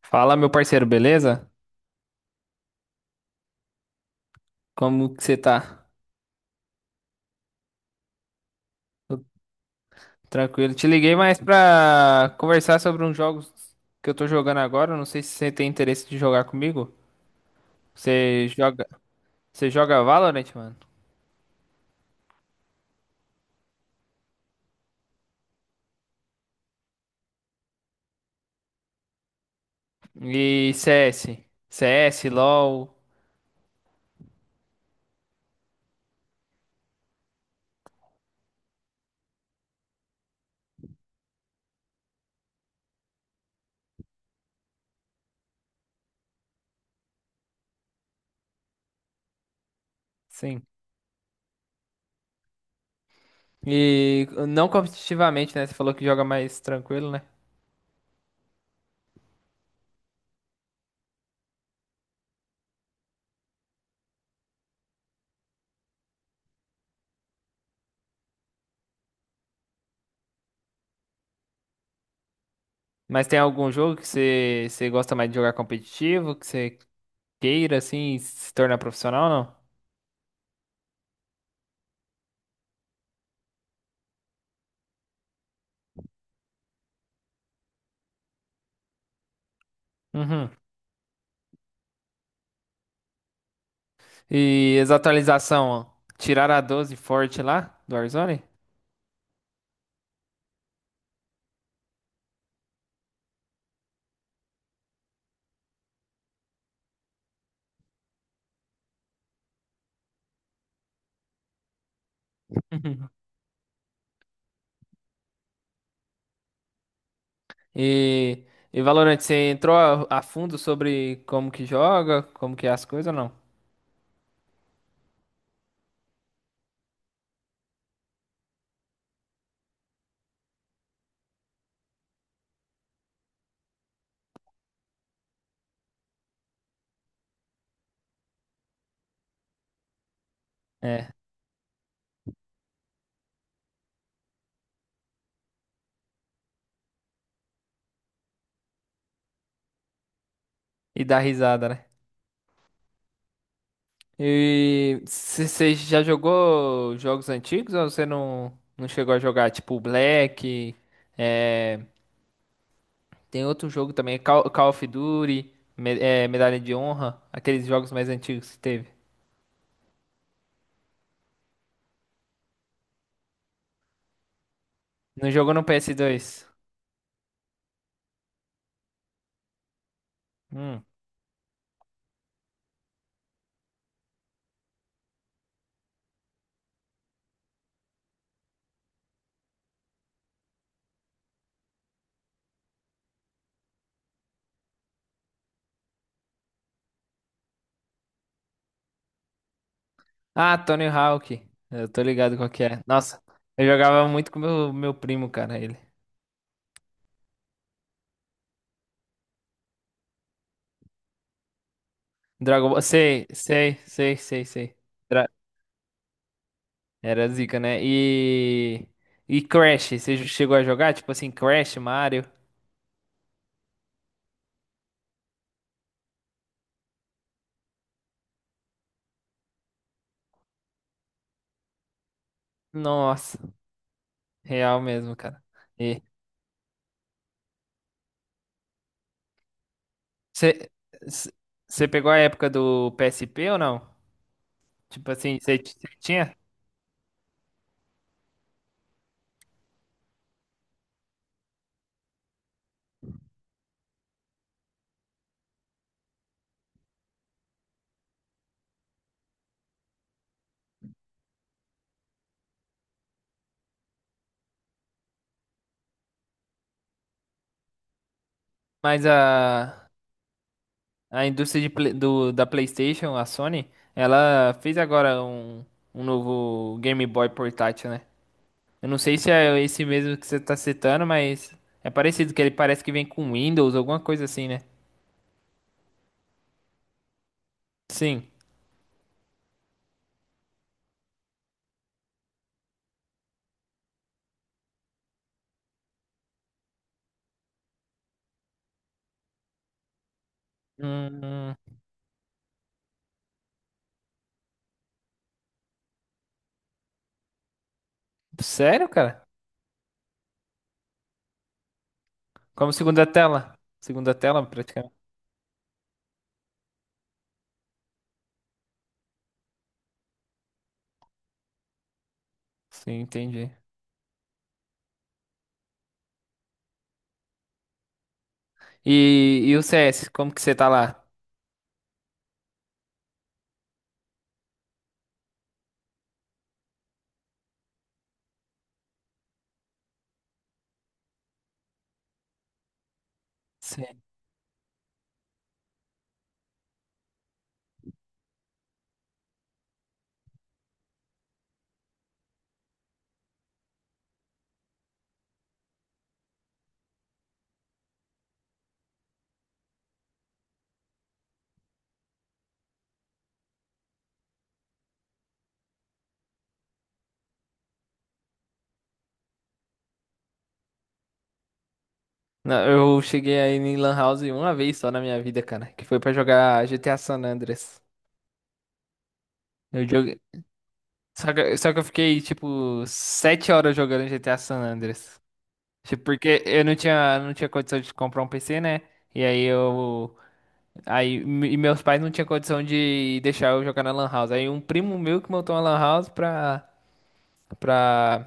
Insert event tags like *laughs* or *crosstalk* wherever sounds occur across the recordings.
Fala, meu parceiro, beleza? Como que você tá? Tô tranquilo. Te liguei mais pra conversar sobre uns jogos que eu tô jogando agora. Não sei se você tem interesse de jogar comigo. Você joga, você joga Valorant, mano? E CS, LoL, sim. E não competitivamente, né? Você falou que joga mais tranquilo, né? Mas tem algum jogo que você gosta mais de jogar competitivo, que você queira assim se tornar profissional ou não? Uhum. E as atualizações, tiraram a 12 forte lá do Warzone? *laughs* E, e Valorant, você entrou a fundo sobre como que joga, como que é as coisas ou não? É, e dá risada, né? E você já jogou jogos antigos ou você não chegou a jogar? Tipo Black, é, tem outro jogo também, Call of Duty, é, Medalha de Honra, aqueles jogos mais antigos que teve. Não jogou no PS2. Hum. Ah, Tony Hawk. Eu tô ligado qual que é. Nossa, eu jogava muito com meu primo, cara, ele. Dragon Ball, sei, sei, sei, sei, sei. Dra- Era zica, né? E Crash, você chegou a jogar tipo assim Crash, Mario? Nossa, real mesmo, cara. E você você pegou a época do PSP ou não? Tipo assim, você tinha? Mas a A indústria de da PlayStation, a Sony, ela fez agora um novo Game Boy portátil, né? Eu não sei se é esse mesmo que você tá citando, mas é parecido, que ele parece que vem com Windows, alguma coisa assim, né? Sim. Hum, sério, cara? Como segunda tela? Segunda tela, praticamente. Sim, entendi. E o CS, como que você tá lá? Sim. Não, eu cheguei aí em Lan House uma vez só na minha vida, cara, que foi pra jogar GTA San Andreas. Eu, jo- só que eu fiquei, tipo, 7 horas jogando GTA San Andreas. Tipo, porque eu não tinha condição de comprar um PC, né? E aí eu. Aí, e meus pais não tinham condição de deixar eu jogar na Lan House. Aí um primo meu que montou uma Lan House pra.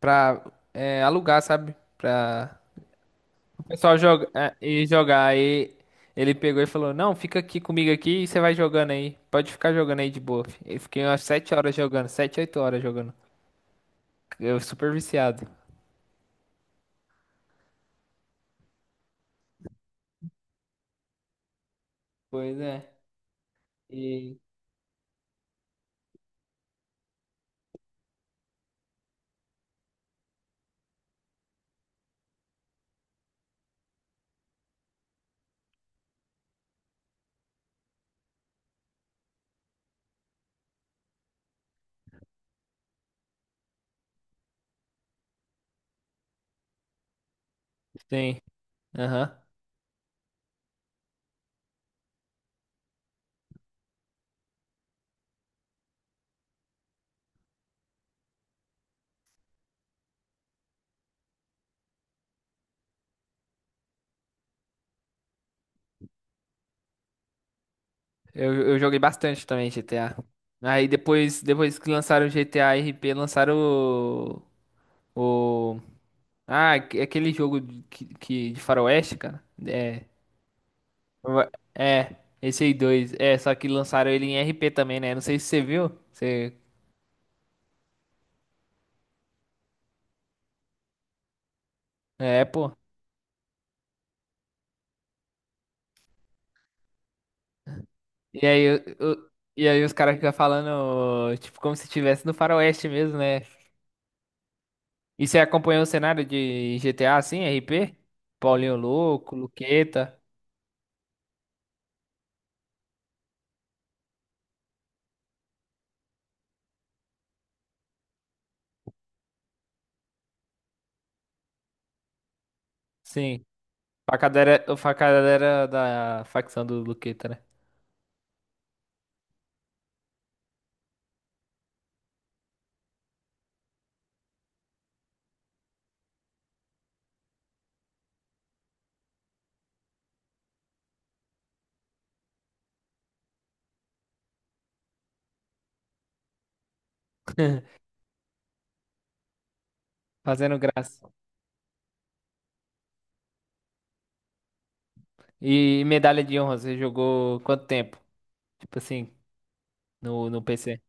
pra é, alugar, sabe? Pra o pessoal joga, é, e jogar. Aí ele pegou e falou: Não, fica aqui comigo aqui e você vai jogando aí. Pode ficar jogando aí de boa. Eu fiquei umas 7 horas jogando, 7, 8 horas jogando. Eu super viciado. Pois é. E... Sim. Aham. Eu joguei bastante também GTA. Aí depois que lançaram o GTA RP, lançaram o... Ah, aquele jogo de faroeste, cara. É. É, esse aí dois. É, só que lançaram ele em RP também, né? Não sei se você viu. Você... É, pô. E aí, e aí os caras ficam falando, tipo, como se estivesse no faroeste mesmo, né? E você acompanhou o cenário de GTA, assim, RP? Paulinho Louco, Luqueta. Sim. Facadera, o facadera da facção do Luqueta, né? *laughs* Fazendo graça. E medalha de honra, você jogou quanto tempo? Tipo assim, no PC.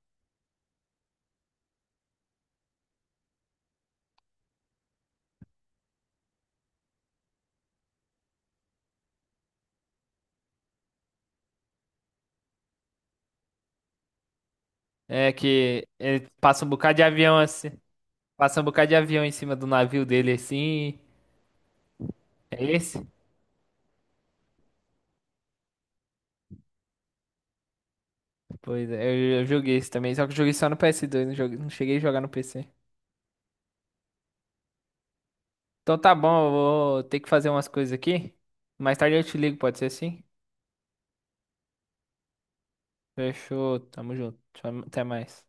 É que ele passa um bocado de avião assim. Passa um bocado de avião em cima do navio dele assim. É esse? Pois é, eu joguei esse também, só que eu joguei só no PS2, não, joguei, não cheguei a jogar no PC. Então tá bom, eu vou ter que fazer umas coisas aqui. Mais tarde eu te ligo, pode ser assim? Fechou, tamo junto. Tchau, até mais.